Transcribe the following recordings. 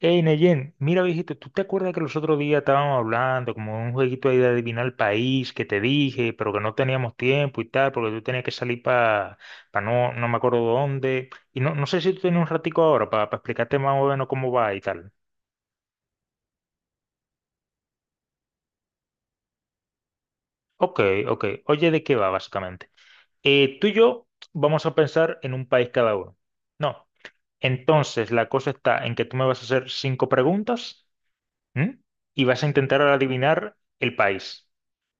Hey, Neyen, mira, viejito, ¿tú te acuerdas que los otros días estábamos hablando como de un jueguito ahí de adivinar el país que te dije, pero que no teníamos tiempo y tal, porque tú tenías que salir para no me acuerdo dónde? Y no sé si tú tienes un ratico ahora para explicarte más o menos cómo va y tal. Ok, ok. Oye, ¿de qué va básicamente? Tú y yo vamos a pensar en un país cada uno. No. Entonces, la cosa está en que tú me vas a hacer cinco preguntas, ¿m? Y vas a intentar adivinar el país.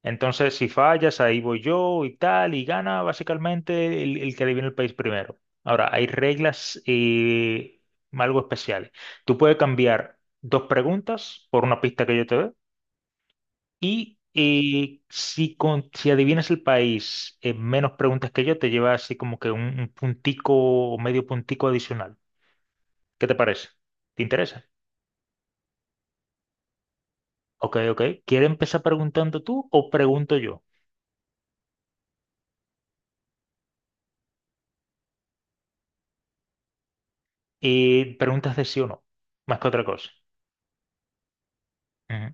Entonces, si fallas, ahí voy yo y tal, y gana básicamente el que adivina el país primero. Ahora, hay reglas algo especiales. Tú puedes cambiar dos preguntas por una pista que yo te dé, y si adivinas el país en menos preguntas que yo, te lleva así como que un puntico o medio puntico adicional. ¿Qué te parece? ¿Te interesa? Ok, ok. ¿Quieres empezar preguntando tú o pregunto yo? Preguntas de sí o no, más que otra cosa. Ujú.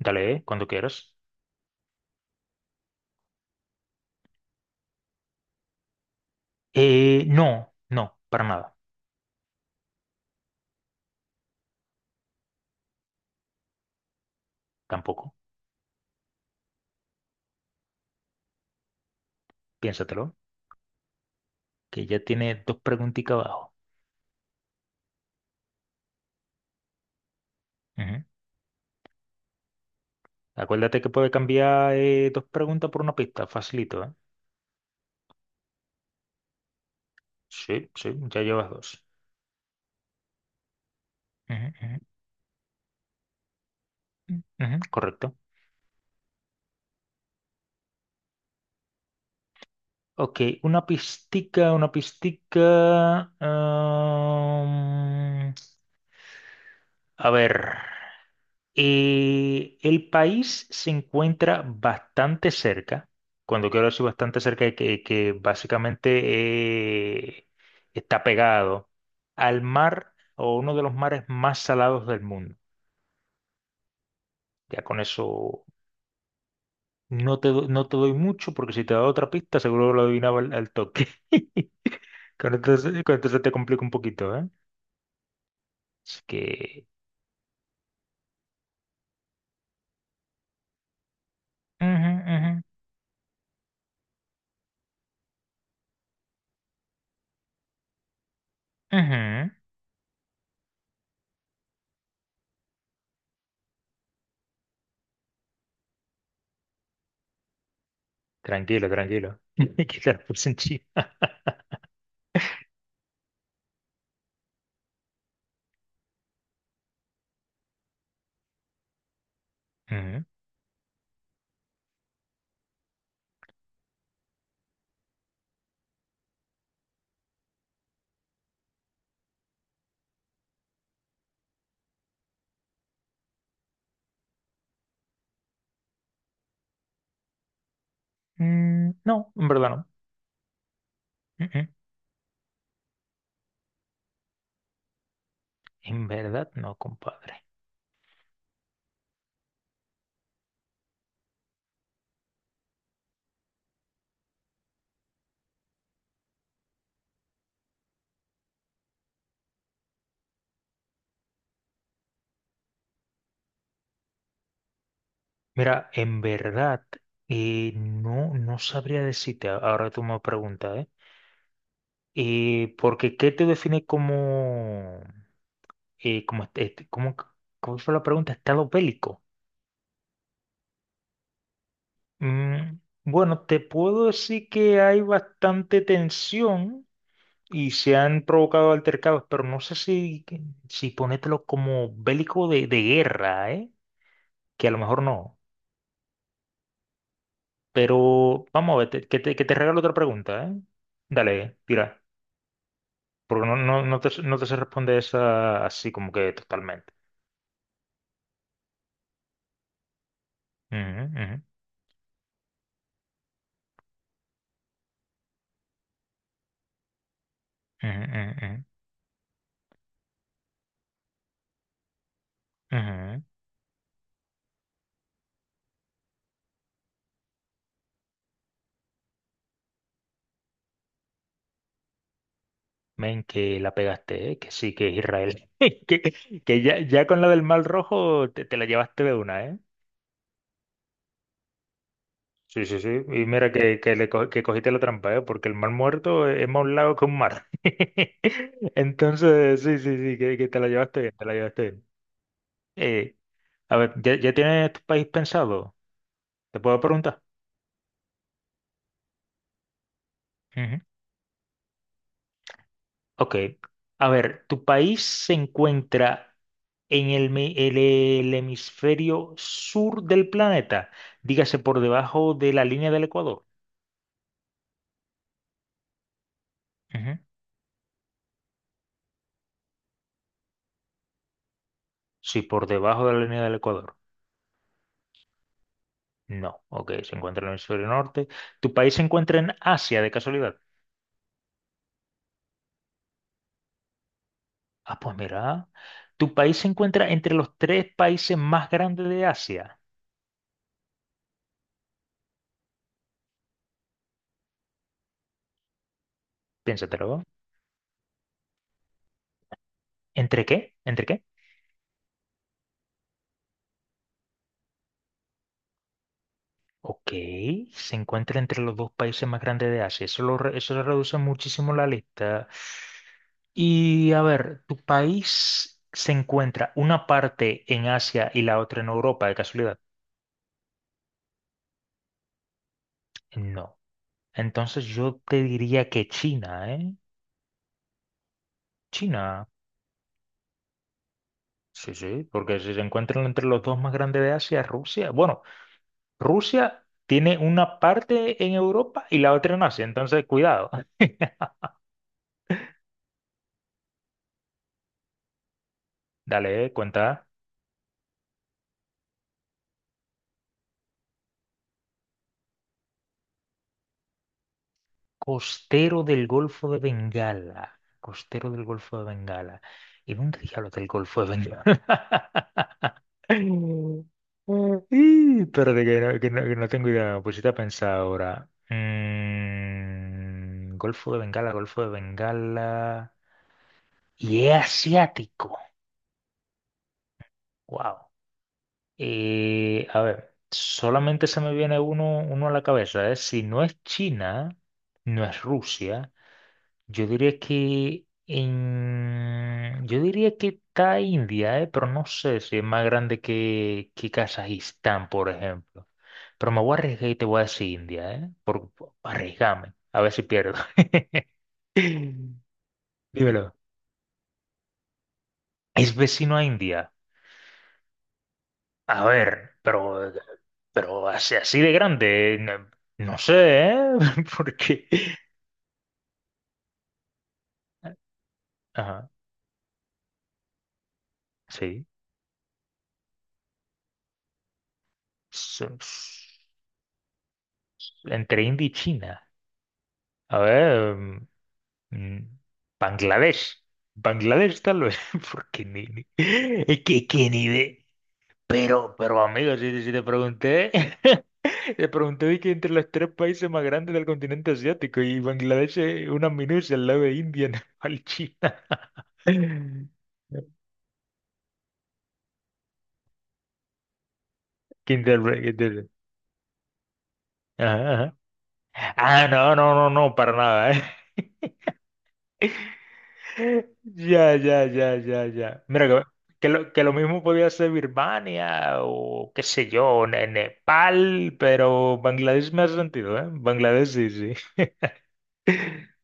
Dale, cuando quieras. No, no, para nada, tampoco. Piénsatelo, que ya tiene dos preguntitas abajo. Ujú. Acuérdate que puede cambiar dos preguntas por una pista, facilito, ¿eh? Sí, sí, ya llevas dos. Ujú, ujú, ujú, ujú. Correcto. Ok, una pistica, una pistica. A ver. El país se encuentra bastante cerca, cuando quiero decir bastante cerca, es que básicamente eh, está pegado al mar o uno de los mares más salados del mundo. Ya con eso no te, no te doy mucho, porque si te doy otra pista, seguro lo adivinaba al, al toque. Con esto se te complica un poquito, ¿eh? Así que... Ujú, ujú, ujú. Tranquilo, tranquilo. Que te la puse en China. Mm, no, en verdad no. Mm, mm. En verdad no, compadre. Mira, en verdad no, no sabría decirte, ahora tú me preguntas, ¿eh? Porque ¿qué te define como, como, como, ¿cómo fue la pregunta? Estado bélico. Mm, bueno, te puedo decir que hay bastante tensión y se han provocado altercados, pero no sé si, si ponértelo como bélico de guerra, ¿eh? Que a lo mejor no. Pero vamos a ver, que te regalo otra pregunta, ¿eh? Dale, tira. Porque no te sé responder esa así como que totalmente. Ujú, ujú, ujú, ujú, ujú. Men, que la pegaste, ¿eh? Que sí, que es Israel. Que, que ya, ya con la del mal rojo te, te la llevaste de una, ¿eh? Sí, sí, sí. Y mira que cogiste la trampa, ¿eh? Porque el mar muerto es más un lago que un mar. Entonces, sí, sí, sí, que te la llevaste bien, te la llevaste bien. Eh, a ver, ¿ya, ya tienes tu país pensado? ¿Te puedo preguntar? Ujú. Ok. A ver, ¿tu país se encuentra en el hemisferio sur del planeta? Dígase, por debajo de la línea del Ecuador. Ujú. Sí, por debajo de la línea del Ecuador. No, ok, se encuentra en el hemisferio norte. ¿Tu país se encuentra en Asia de casualidad? Ah, pues mira, ¿tu país se encuentra entre los tres países más grandes de Asia? Piénsatelo. ¿Entre qué? ¿Entre qué? Ok, se encuentra entre los dos países más grandes de Asia. Eso, eso reduce muchísimo la lista. Y a ver, ¿tu país se encuentra una parte en Asia y la otra en Europa, de casualidad? No. Entonces yo te diría que China, ¿eh? China. Sí, sí, porque si se encuentran entre los dos más grandes de Asia, Rusia. Bueno, Rusia tiene una parte en Europa y la otra en Asia, entonces cuidado. Dale, cuenta. Costero del Golfo de Bengala. Costero del Golfo de Bengala. ¿Y dónde diablos del Golfo de Bengala? Mm. Ih, espérate, que no, que no tengo idea. Pues si a pensado ahora. Mm, Golfo de Bengala, Golfo de Bengala. Y es asiático. Wow. A ver, solamente se me viene uno, uno a la cabeza, ¿eh? Si no es China, no es Rusia. Yo diría que en... yo diría que está India, pero no sé si es más grande que Kazajistán, por ejemplo. Pero me voy a arriesgar y te voy a decir India, ¿eh? Arriesgame, a ver si pierdo. Dímelo. Es vecino a India. A ver, pero así, así de grande, no, no sé, ¿eh? Porque... Ajá, sí. So- Entre India y China. A ver. Mm, Bangladesh. Bangladesh tal vez, porque es que ni ve. Pero amigo, si, si te pregunté, te pregunté de que entre los tres países más grandes del continente asiático y Bangladesh es una minucia al lado de India, Nepal, China. Qué interpre-? Ajá, ajá. Ah, no, no, no, no, para nada, ¿eh? Ya, ya, ya, ya, ya. Mira, que que lo mismo podía ser Birmania o qué sé yo, Nepal, pero Bangladesh me ha sentido, ¿eh? Bangladesh sí, sí.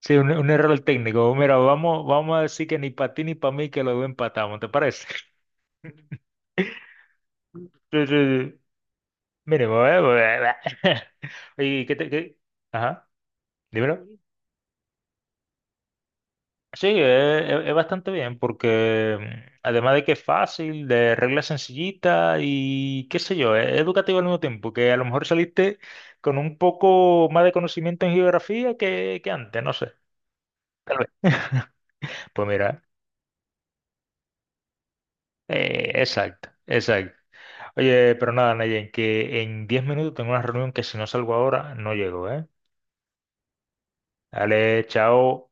Sí, un error técnico. Mira, vamos, vamos a decir que ni para ti ni para mí, que los dos empatamos, ¿te parece? Sí, sí, sí. Mínimo, ¿eh? Oye, ¿qué te, qué? Ajá, dímelo. Sí, es, es bastante bien porque mm, además de que es fácil, de reglas sencillitas y qué sé yo, es educativo al mismo tiempo, que a lo mejor saliste con un poco más de conocimiento en geografía que antes, no sé, tal vez. Pues mira, exacto, exacto. Oye, pero nada, Nayen, que en 10 minutos tengo una reunión que si no salgo ahora, no llego, ¿eh? Dale, chao.